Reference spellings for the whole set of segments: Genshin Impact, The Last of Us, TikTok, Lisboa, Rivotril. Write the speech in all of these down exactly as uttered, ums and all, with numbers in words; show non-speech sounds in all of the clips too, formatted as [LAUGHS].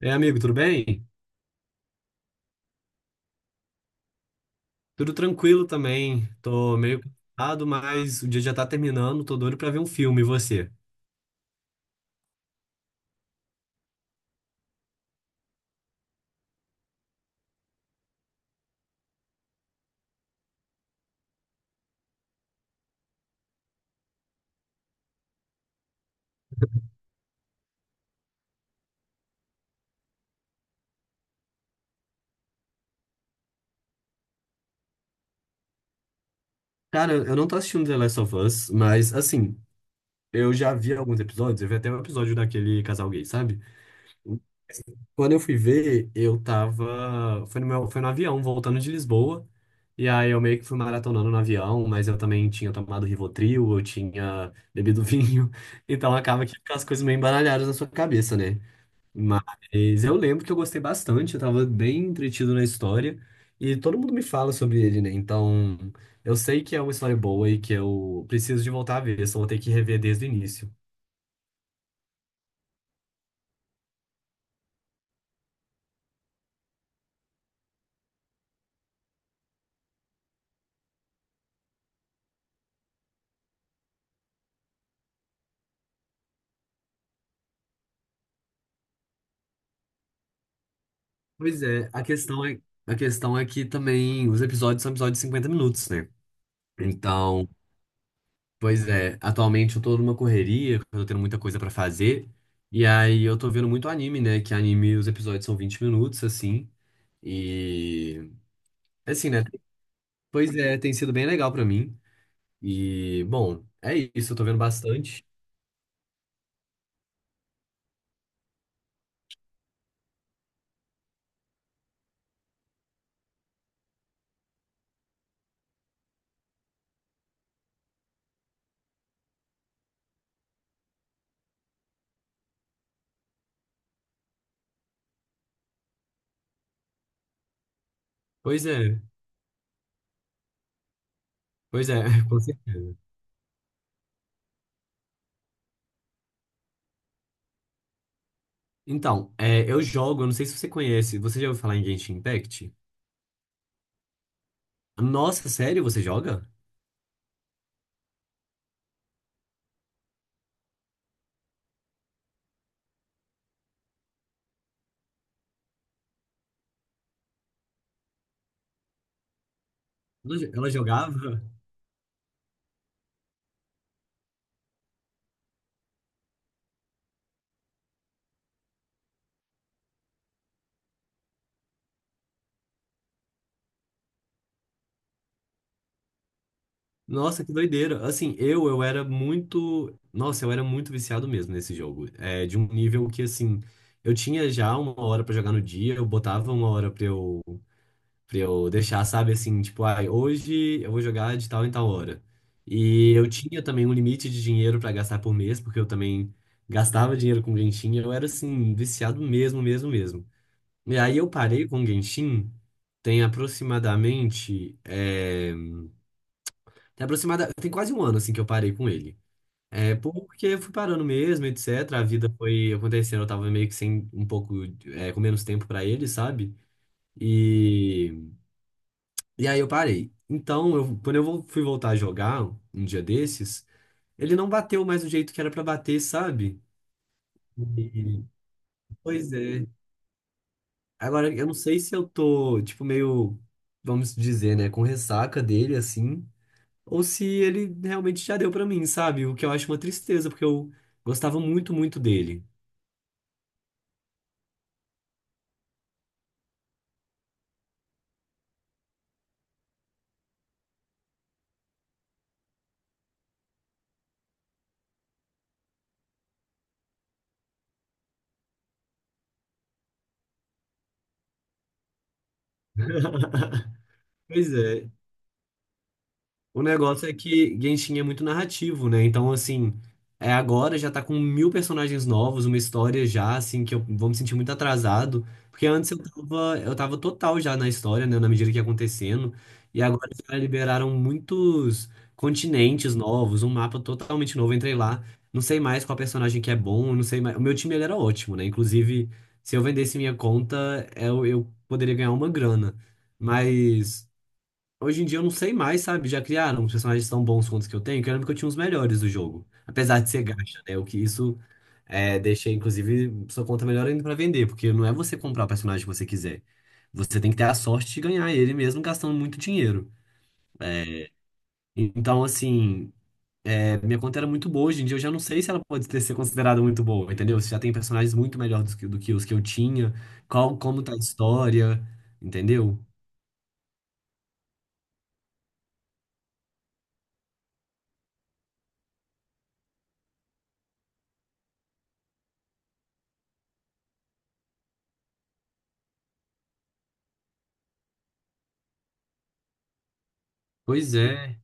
É, amigo, tudo bem? Tudo tranquilo também. Tô meio cansado, mas o dia já tá terminando. Tô doido pra ver um filme. E você? Cara, eu não tô assistindo The Last of Us, mas assim, eu já vi alguns episódios. Eu vi até um episódio daquele casal gay, sabe? Quando eu fui ver, eu tava. Foi no meu... Foi no avião, voltando de Lisboa. E aí eu meio que fui maratonando no avião, mas eu também tinha tomado Rivotril, eu tinha bebido vinho. [LAUGHS] Então acaba que fica as coisas meio embaralhadas na sua cabeça, né? Mas eu lembro que eu gostei bastante, eu tava bem entretido na história e todo mundo me fala sobre ele, né? Então eu sei que é uma história boa e que eu preciso de voltar a ver, só vou ter que rever desde o início. Pois é, a questão é, a questão é que também os episódios são episódios de cinquenta minutos, né? Então, pois é, atualmente eu tô numa correria, eu tô tendo muita coisa pra fazer e aí eu tô vendo muito anime, né? Que anime os episódios são vinte minutos, assim, e assim, né? Pois é, tem sido bem legal pra mim. E, bom, é isso, eu tô vendo bastante. Pois é, pois é, [LAUGHS] com certeza. Então, é, eu jogo, eu não sei se você conhece, você já ouviu falar em Genshin Impact? Nossa, sério, você joga? Ela jo- ela jogava? Nossa, que doideira. Assim, eu, eu era muito. Nossa, eu era muito viciado mesmo nesse jogo. É, de um nível que, assim, eu tinha já uma hora pra jogar no dia, eu botava uma hora pra eu. Pra eu deixar, sabe, assim, tipo, ai, hoje eu vou jogar de tal em tal hora. E eu tinha também um limite de dinheiro pra gastar por mês, porque eu também gastava dinheiro com Genshin, eu era, assim, viciado mesmo, mesmo, mesmo. E aí eu parei com Genshin, tem aproximadamente, é, tem aproximada, tem quase um ano, assim, que eu parei com ele. É, porque eu fui parando mesmo, etc, a vida foi acontecendo, eu tava meio que sem, um pouco, é, com menos tempo pra ele, sabe? E... E aí eu parei. Então, eu, quando eu vol- fui voltar a jogar um dia desses, ele não bateu mais do jeito que era pra bater, sabe? E- Pois é. Agora, eu não sei se eu tô, tipo, meio, vamos dizer, né, com ressaca dele, assim, ou se ele realmente já deu pra mim, sabe? O que eu acho uma tristeza, porque eu gostava muito, muito dele. [LAUGHS] Pois é. O negócio é que Genshin é muito narrativo, né? Então, assim, é agora já tá com mil personagens novos, uma história já, assim, que eu vou me sentir muito atrasado. Porque antes eu tava, eu tava total já na história, né? Na medida que ia acontecendo. E agora já liberaram muitos continentes novos, um mapa totalmente novo. Eu entrei lá, não sei mais qual personagem que é bom, eu não sei mais. O meu time ele era ótimo, né? Inclusive, se eu vendesse minha conta, eu, eu poderia ganhar uma grana. Mas. Hoje em dia eu não sei mais, sabe? Já criaram os personagens tão bons quanto os que eu tenho, que eu lembro que eu tinha os melhores do jogo. Apesar de ser gacha, né? O que isso é, deixa, inclusive, sua conta melhor ainda pra vender, porque não é você comprar o personagem que você quiser. Você tem que ter a sorte de ganhar ele mesmo gastando muito dinheiro. Então, assim, é, minha conta era muito boa. Hoje em dia eu já não sei se ela pode ter, ser considerada muito boa, entendeu? Você já tem personagens muito melhores do que, do que os que eu tinha, qual, como tá a história, entendeu? Pois é.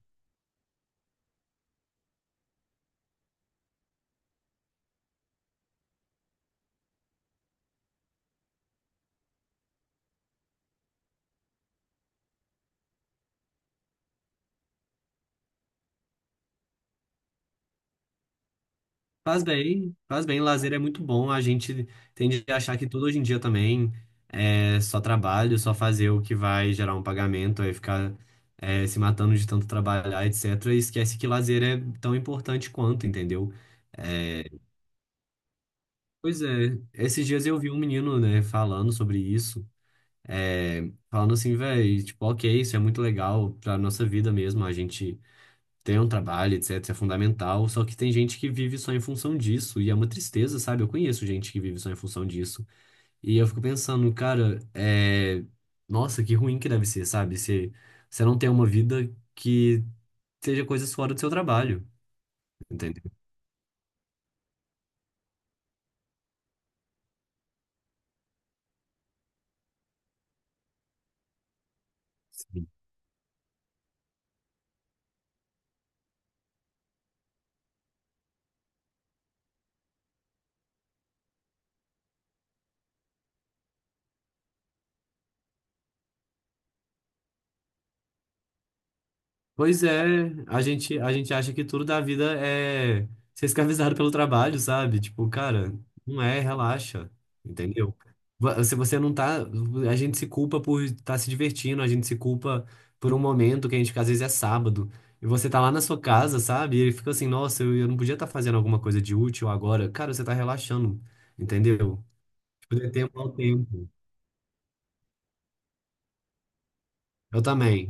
Faz bem, faz bem. Lazer é muito bom. A gente tende a achar que tudo hoje em dia também é só trabalho, só fazer o que vai gerar um pagamento, aí ficar é, se matando de tanto trabalhar, etcétera. E esquece que lazer é tão importante quanto, entendeu? É, pois é, esses dias eu vi um menino, né, falando sobre isso, é, falando assim, velho, tipo, ok, isso é muito legal pra nossa vida mesmo, a gente ter um trabalho, etc, é fundamental, só que tem gente que vive só em função disso, e é uma tristeza, sabe? Eu conheço gente que vive só em função disso. E eu fico pensando, cara, é... Nossa, que ruim que deve ser, sabe? Se você não tem uma vida que seja coisas fora do seu trabalho, entendeu? Pois é, a gente, a gente acha que tudo da vida é ser escravizado pelo trabalho, sabe? Tipo, cara, não é, relaxa, entendeu? Va- Se você não tá, a gente se culpa por estar se divertindo, a gente se culpa por um momento que a gente, às vezes é sábado, e você tá lá na sua casa, sabe? E ele fica assim, nossa, eu, eu não podia estar fazendo alguma coisa de útil agora. Cara, você tá relaxando, entendeu? Tipo, dê tempo ao tempo. Eu também.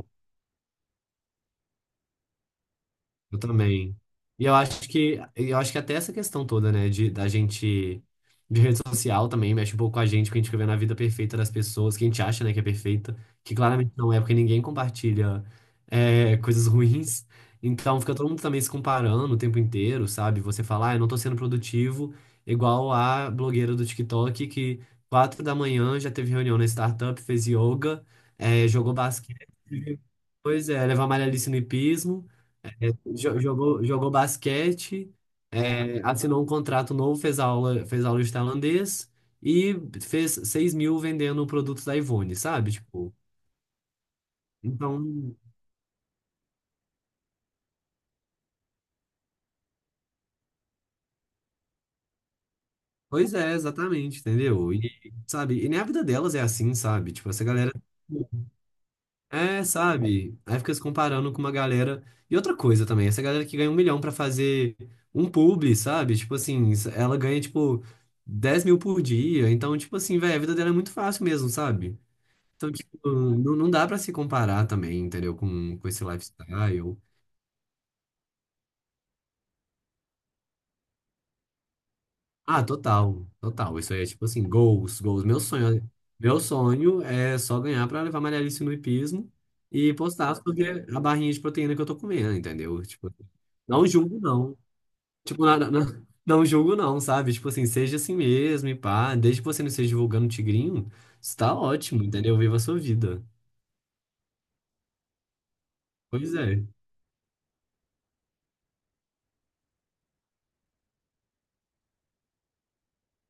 Eu também. E eu acho que eu acho que até essa questão toda, né, de da gente de rede social também mexe um pouco com a gente, porque a gente fica vendo a vida perfeita das pessoas, que a gente acha, né, que é perfeita, que claramente não é, porque ninguém compartilha é, coisas ruins. Então fica todo mundo também se comparando o tempo inteiro, sabe? Você fala, ah, eu não tô sendo produtivo, igual a blogueira do TikTok que quatro da manhã já teve reunião na startup, fez yoga, é, jogou basquete, pois é, leva a malha ali no hipismo jo- jogou, jogou basquete, é, assinou um contrato novo, fez aula, fez aula, de tailandês e fez seis mil vendendo produtos da Ivone, sabe? Tipo, então, pois é, exatamente, entendeu? E, sabe, e nem a vida delas é assim, sabe? Tipo, essa galera. É, sabe? Aí fica se comparando com uma galera. E outra coisa também, essa galera que ganha um milhão pra fazer um publi, sabe? Tipo assim, ela ganha, tipo, dez mil por dia. Então, tipo assim, velho, a vida dela é muito fácil mesmo, sabe? Então, tipo, não, não dá pra se comparar também, entendeu? Com, com esse lifestyle. Ah, total, total. Isso aí é tipo assim, goals, goals. Meu sonho, meu sonho é só ganhar pra levar Maria Alice no hipismo e postar sobre a barrinha de proteína que eu tô comendo, entendeu? Tipo, não julgo, não. Tipo, nada, não, [LAUGHS] não julgo, não, sabe? Tipo assim, seja assim mesmo e pá. Desde que você não esteja divulgando tigrinho, está ótimo, entendeu? Viva a sua vida. Pois é.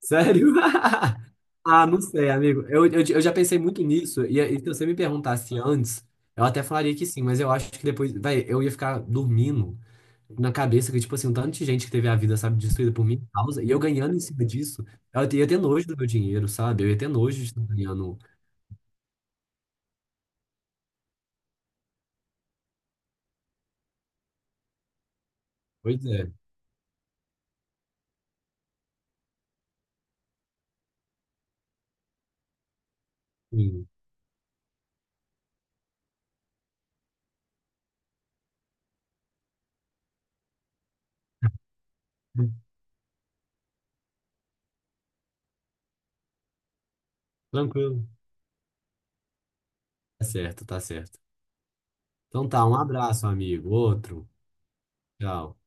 Sério? [LAUGHS] Ah, não sei, amigo. Eu, eu, eu já pensei muito nisso. E, e se você me perguntasse antes, eu até falaria que sim, mas eu acho que depois, vai, eu ia ficar dormindo na cabeça que, tipo assim, um tanto de gente que teve a vida, sabe, destruída por minha causa, e eu ganhando em cima disso, eu ia ter nojo do meu dinheiro, sabe? Eu ia ter nojo de estar ganhando. Pois é, sim. Tranquilo. Tá certo, tá certo. Então tá, um abraço, amigo. Outro. Tchau.